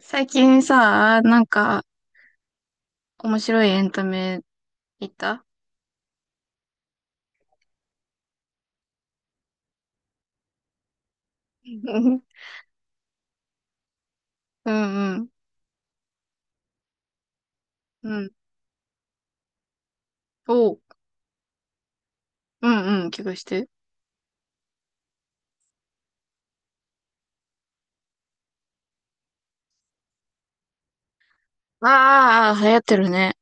最近さ、なんか、面白いエンタメ行った。 うんうん。うん。おう。うんうん。聞かして。ああ、流行ってるね。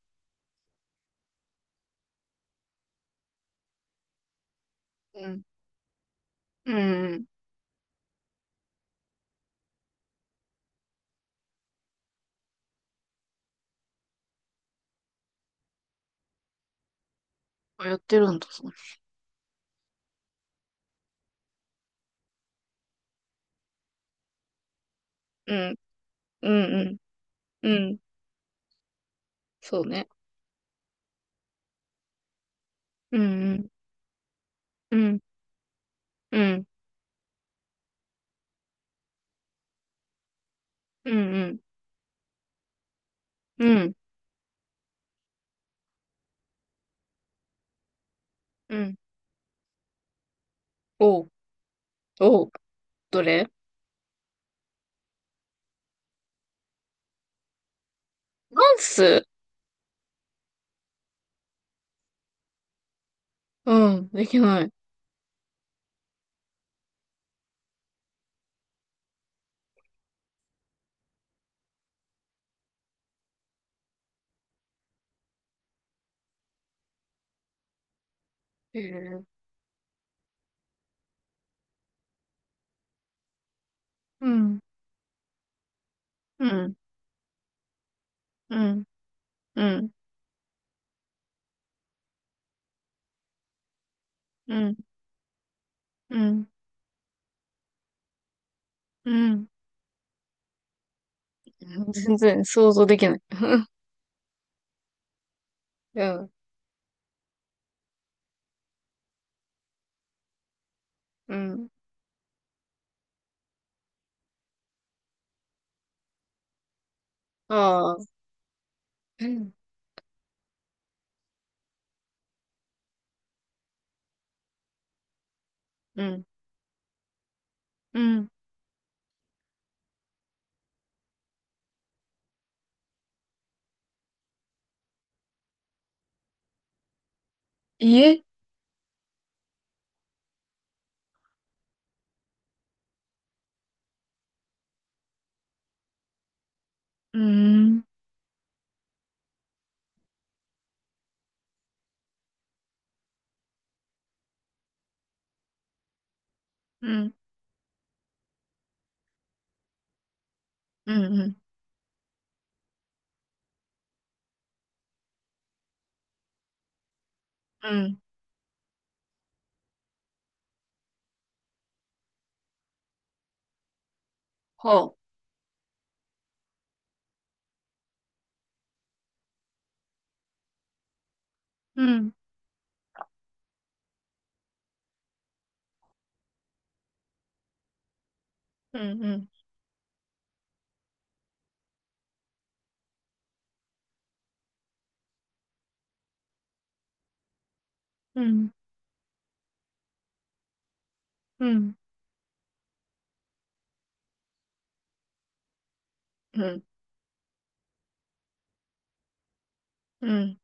うん。うんうん。流行ってるんだ、そう。うん。うんうん。うん。そうね。うんうん。うん。うん。うんうん。うん。うん。おう。おう。どれ？ダンス。うん。できない。へえ。うん。うん。うん。うん。うん。うん。うん。全然想像できない。うん。うん。ああ。うん。うん。うん。家？うーん。うん。うん。うん。うん。はあ。うん。うん。うん。うん。うん。うん。うん。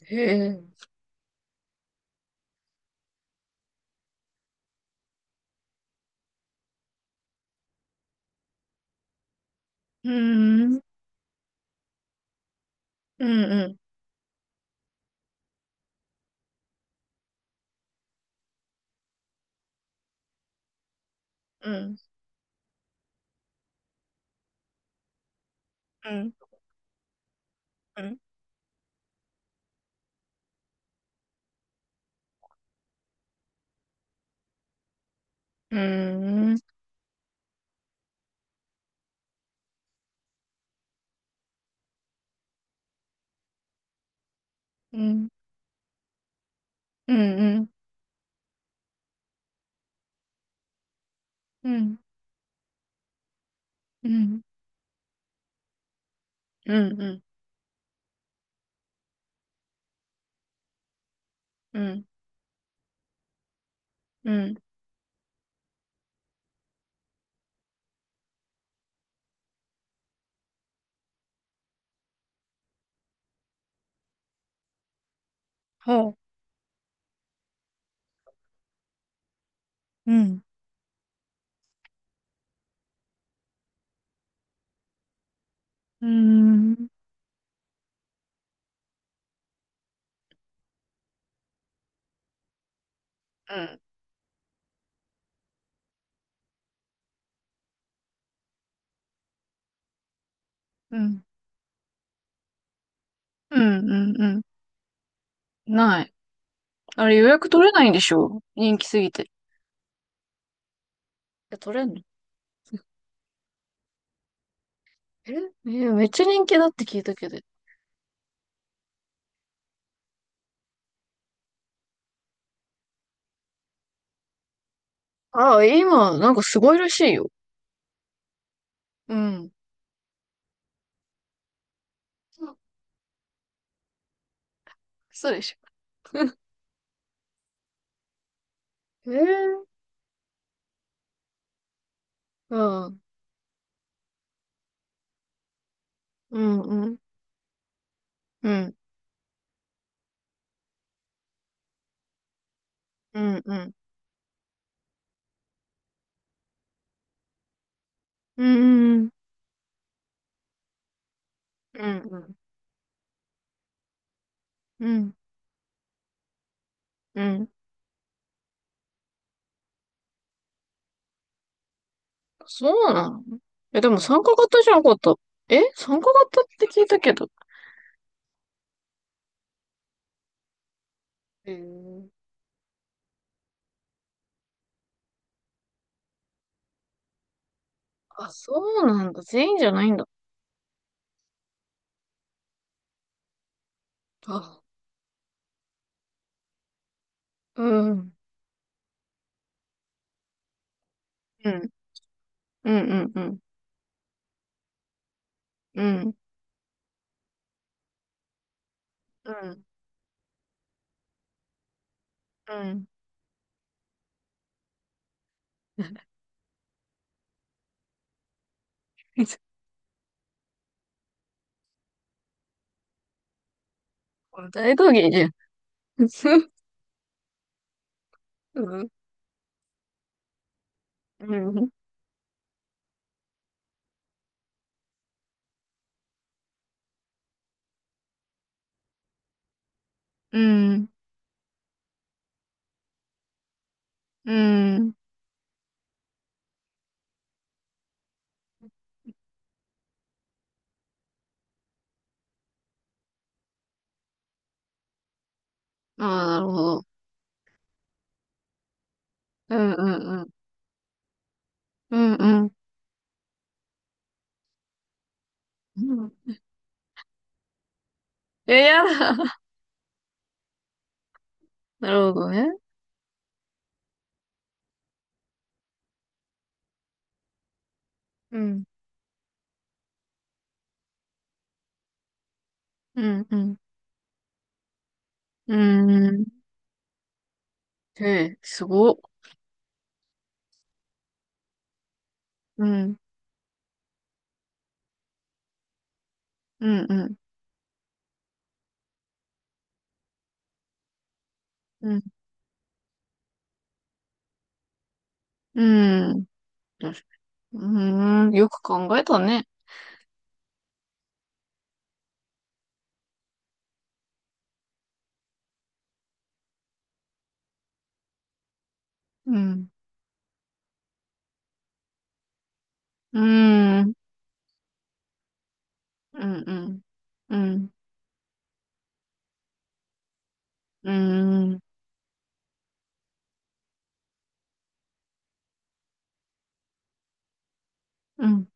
へえ。うーん。うん。うん。うん。うん。うん。うん。うん。うん。うん。うん。うん。うん。うん。うん。はあ。うん。うーん。うん。うん。うん。うん。うん。ない。あれ予約取れないんでしょ、人気すぎて。え、取れんの？え、えーめっちゃ人気だって聞いたけど。ああ、今、なんかすごいらしいよ。うん。そうでしょ。ええ。ああ、うん、うん、うん、うん、うん、うん、うん、うん、うん。うん。そうなの？え、でも参加型じゃなかった？え、参加型って聞いたけど。ええ。あ、そうなんだ。全員じゃないんだ。あ、うん、うん、うん、うん、うん、うん、うん、うん。大道芸じゃん。うん。うん。うん。うん。ああ、なるほど。うんうんうん。うんうん。うん。え、やだ。なるほどね。うん。うんうん。うん。へえ、すごっ。うん。うんうん。うん。うん。よし。うーん。よく考えたね。うん。うん。うんうん。うん。うん。うん。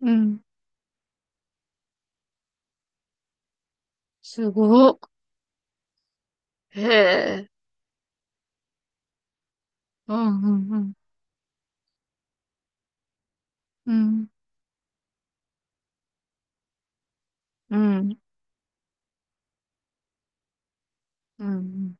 うん。すごっ。へえ。うん、うん、うん、うん、うん、うん、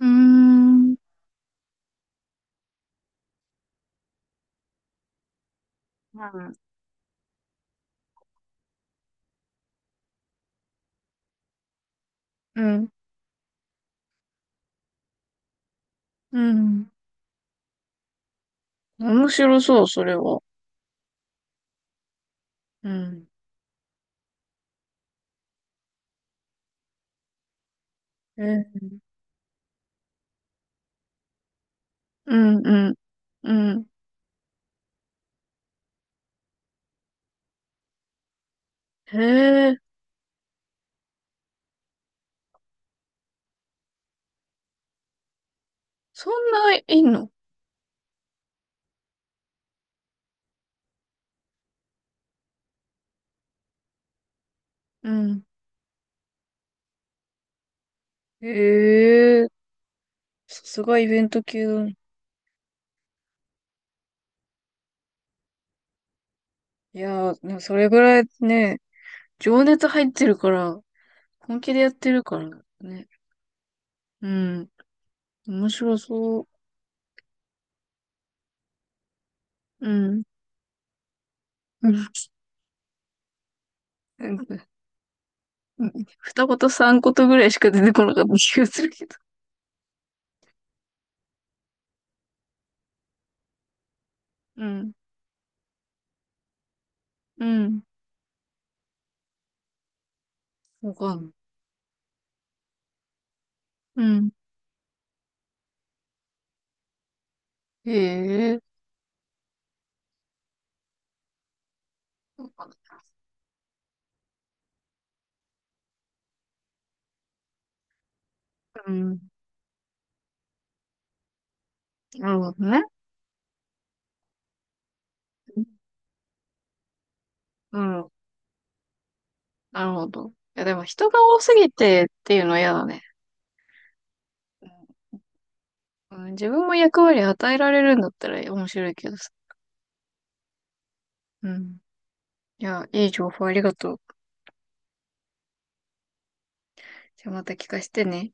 うん、うーん、うん、うん。面白そう、それは。うん。え、うん、うん、うん。へえ、そんないいの？うん。へえ、さすがイベント系だね。いやー、でもそれぐらいね、情熱入ってるから、本気でやってるからね。うん。面白そう。うん。うん。 うん。二言三言ぐらいしか出てこなかった気がするけど。うん。うん。わかんない。うん。へえ。わかんない。うん。なるほどね。うん。うん。なるほど。いや、でも人が多すぎてっていうのは嫌だね。うん。うん、自分も役割与えられるんだったら面白いけどさ。うん。いや、いい情報ありがとう。じゃあまた聞かせてね。